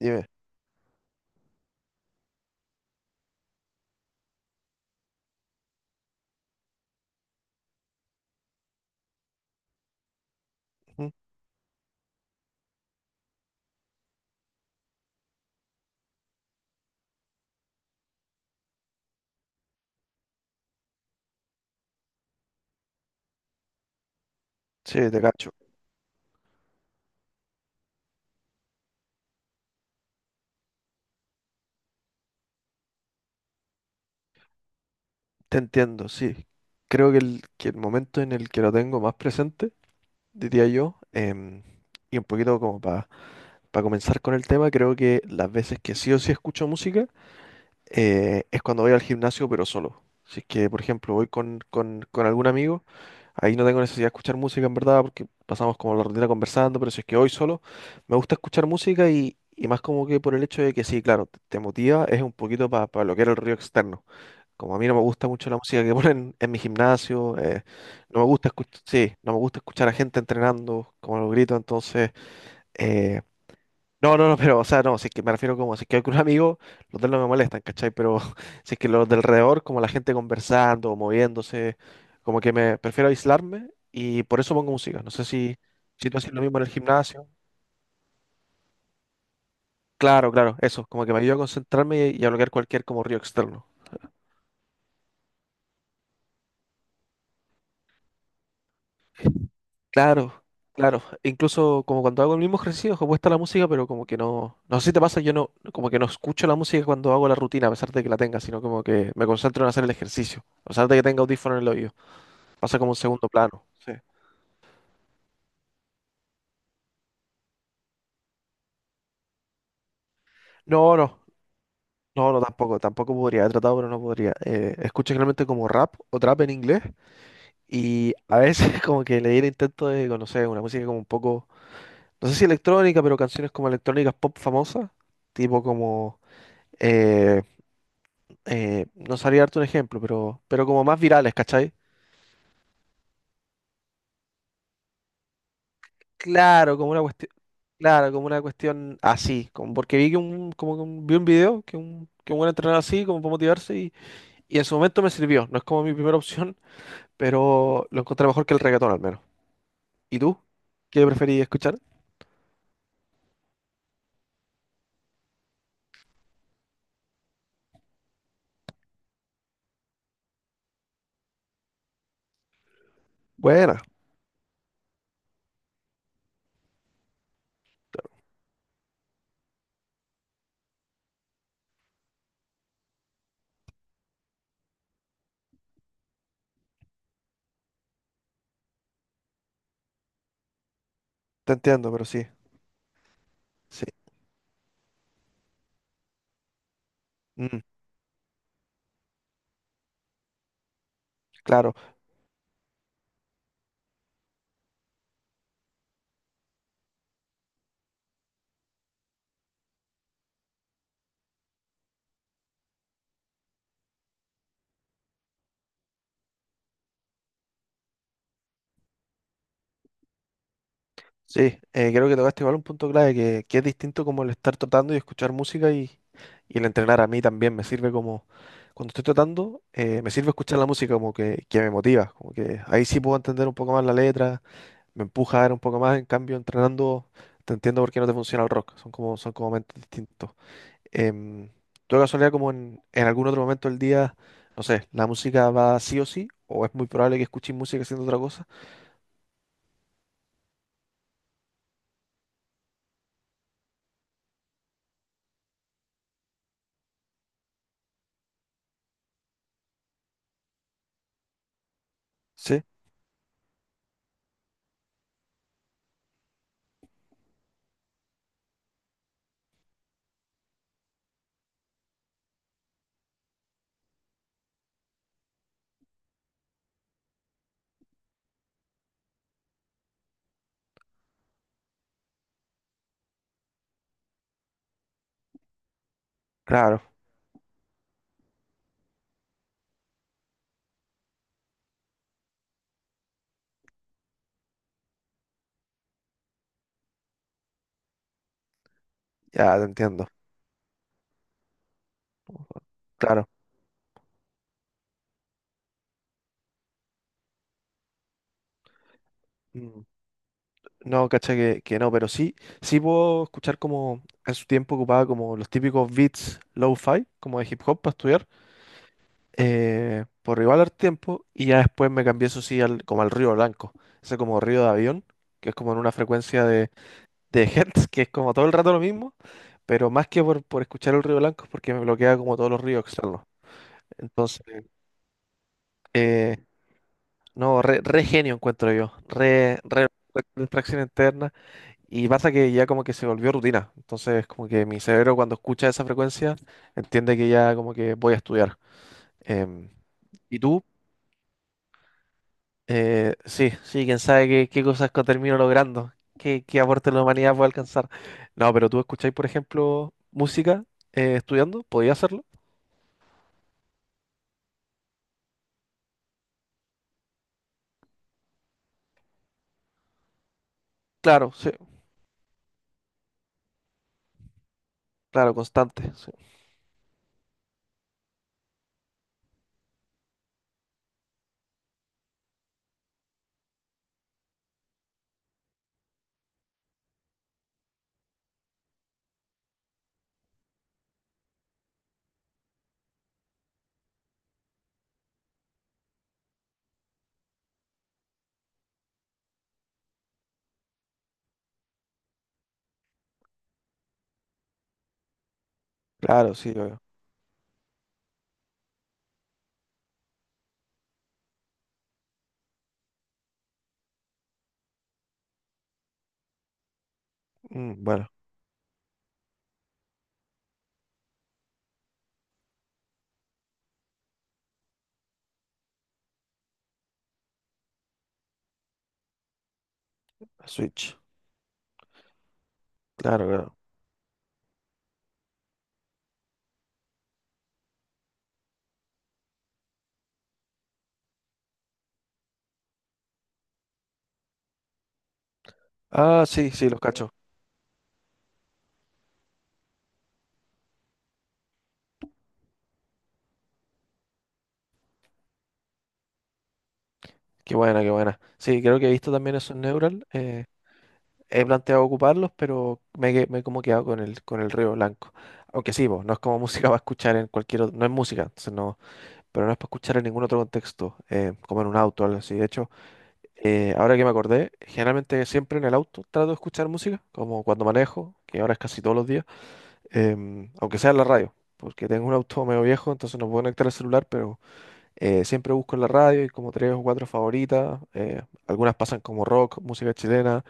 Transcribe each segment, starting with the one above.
Dime. Ujú. Sí, te cacho. Te entiendo, sí. Creo que el momento en el que lo tengo más presente, diría yo, y un poquito como para comenzar con el tema, creo que las veces que sí o sí escucho música es cuando voy al gimnasio, pero solo. Si es que, por ejemplo, voy con algún amigo, ahí no tengo necesidad de escuchar música en verdad, porque pasamos como la rutina conversando, pero si es que voy solo, me gusta escuchar música y más como que por el hecho de que sí, claro, te motiva, es un poquito para bloquear el ruido externo. Como a mí no me gusta mucho la música que ponen en mi gimnasio, no me gusta escuchar, sí, no me gusta escuchar a gente entrenando, como los gritos, entonces, eh, no, no, no, pero, o sea, no, si es que me refiero como, si es que hay un amigo, los de él no me molestan, ¿cachai? Pero si es que los del alrededor, como la gente conversando, moviéndose, como que me prefiero aislarme y por eso pongo música. No sé si, si tú haces lo mismo en el gimnasio. Claro, claro, eso, como que me ayuda a concentrarme y a bloquear cualquier como ruido externo. Claro, claro. Incluso como cuando hago el mismo ejercicio, ojo, puesta la música, pero como que no. No sé si te pasa, yo no, como que no escucho la música cuando hago la rutina, a pesar de que la tenga, sino como que me concentro en hacer el ejercicio. A pesar de que tenga audífono en el oído. Pasa como un segundo plano. Sí. No, no. No, no, tampoco, tampoco podría, he tratado, pero no podría. Escucho generalmente como rap o trap en inglés y a veces como que le di el intento de conocer una música como un poco, no sé si electrónica, pero canciones como electrónicas pop famosas, tipo como, eh, no sabría darte un ejemplo, pero como más virales, ¿cachai? Claro, como una cuestión, claro, como una cuestión así, como porque vi que un, como que un- vi un video que un buen entrenador así, como para motivarse, y en su momento me sirvió, no es como mi primera opción, pero lo encontré mejor que el reggaetón al menos. ¿Y tú? ¿Qué preferís escuchar? Buena, te entiendo, pero sí, sí, Mm, claro. Sí, creo que tocaste igual un punto clave que es distinto como el estar tratando y escuchar música y el entrenar a mí también. Me sirve como, cuando estoy tratando, me sirve escuchar la música como que me motiva, como que ahí sí puedo entender un poco más la letra, me empuja a ver un poco más. En cambio, entrenando, te entiendo por qué no te funciona el rock. Son como momentos distintos. Em, ¿Tú de casualidad como en algún otro momento del día, no sé, la música va sí o sí? ¿O es muy probable que escuches música haciendo otra cosa? Sí, claro, ya te entiendo, claro. Mm. No, cacha que no, pero sí, sí puedo escuchar como en su tiempo ocupaba como los típicos beats low-fi, como de hip hop para estudiar, por igual al tiempo, y ya después me cambié eso sí al, como al Río Blanco, ese como Río de Avión, que es como en una frecuencia de hertz, que es como todo el rato lo mismo, pero más que por escuchar el Río Blanco es porque me bloquea como todos los ríos externos. Entonces, eh, no, re, re genio encuentro yo. Re, re distracción interna. Y pasa que ya como que se volvió rutina. Entonces, como que mi cerebro cuando escucha esa frecuencia, entiende que ya como que voy a estudiar. Em, ¿Y tú? Sí, sí, quién sabe qué, qué cosas que termino logrando, qué, qué aporte la humanidad puede alcanzar. No, pero tú escucháis, por ejemplo, música estudiando, ¿podía hacerlo? Claro, sí, claro, constante. Sí. Claro, sí, obvio. Mm, bueno, Switch. Claro, claro. Ah, sí, sí, los cacho. Qué buena, qué buena. Sí, creo que he visto también esos Neural. He planteado ocuparlos, pero me, he que- me he como quedado con el Río Blanco. Aunque sí, po, no es como música para escuchar en cualquier otro, no es música, entonces no, pero no es para escuchar en ningún otro contexto, como en un auto o algo así. De hecho, ahora que me acordé, generalmente siempre en el auto trato de escuchar música, como cuando manejo, que ahora es casi todos los días, aunque sea en la radio, porque tengo un auto medio viejo, entonces no puedo conectar el celular, pero siempre busco en la radio y como tres o cuatro favoritas. Algunas pasan como rock, música chilena,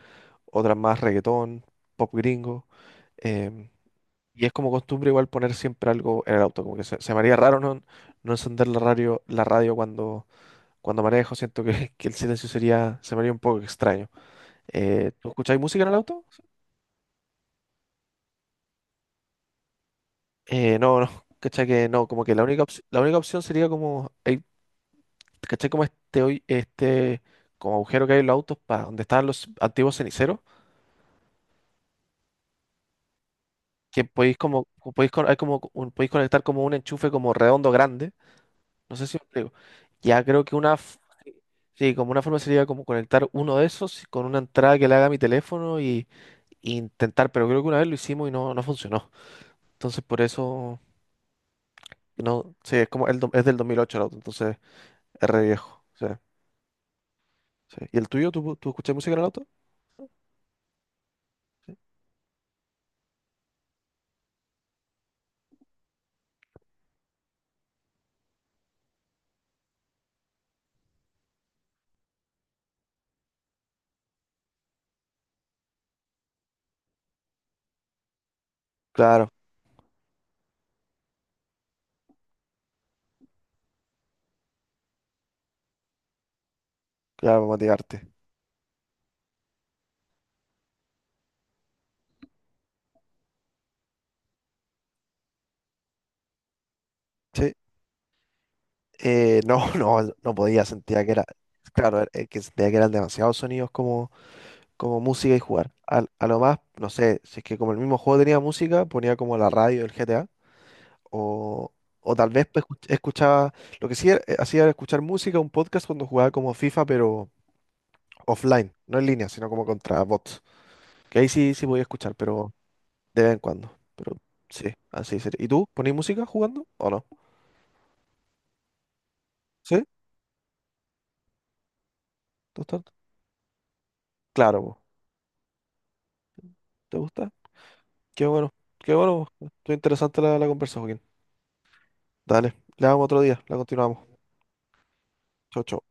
otras más reggaetón, pop gringo. em, y es como costumbre igual poner siempre algo en el auto, como que se me haría raro no, no encender la radio cuando, cuando manejo, siento que, que el silencio sería, se me haría un poco extraño. ¿Tú escucháis música en el auto? No, no, cachai que no, como que la única, opci- la única opción sería como ¿Cachai? Como este, hoy, este como agujero que hay en los autos para donde estaban los antiguos ceniceros, que podéis como, co- podéis, con- hay como un- podéis conectar como un enchufe como redondo grande. No sé si me explico. Ya creo que una, f- sí, como una forma sería como conectar uno de esos con una entrada que le haga a mi teléfono y intentar, pero creo que una vez lo hicimos y no, no funcionó. Entonces por eso, no, sí, es como el, do- es del 2008 el auto, entonces es re viejo. O sea, sí. ¿Y el tuyo? ¿Tú, tú escuchas música en el auto? Sí. Claro, claro, motivarte. Sí. No, no, no podía, sentía que era, claro, er- que sentía que eran demasiados sonidos como, como música y jugar. Al- A, lo más, no sé, si es que como el mismo juego tenía música, ponía como la radio del GTA, o, o tal vez pues, escuch- escuchaba, lo que sí era- hacía era escuchar música, un podcast cuando jugaba como FIFA, pero offline, no en línea, sino como contra bots. Que ahí sí, sí voy a escuchar, pero de vez en cuando. Pero sí, así sería. ¿Y tú ponés música jugando o no? ¿Sí? ¿Te gusta? Claro, po. ¿Te gusta? Qué bueno, qué bueno. Po. Estuvo interesante la, la conversa, Joaquín. Dale, le damos otro día, la continuamos. Chau, chau.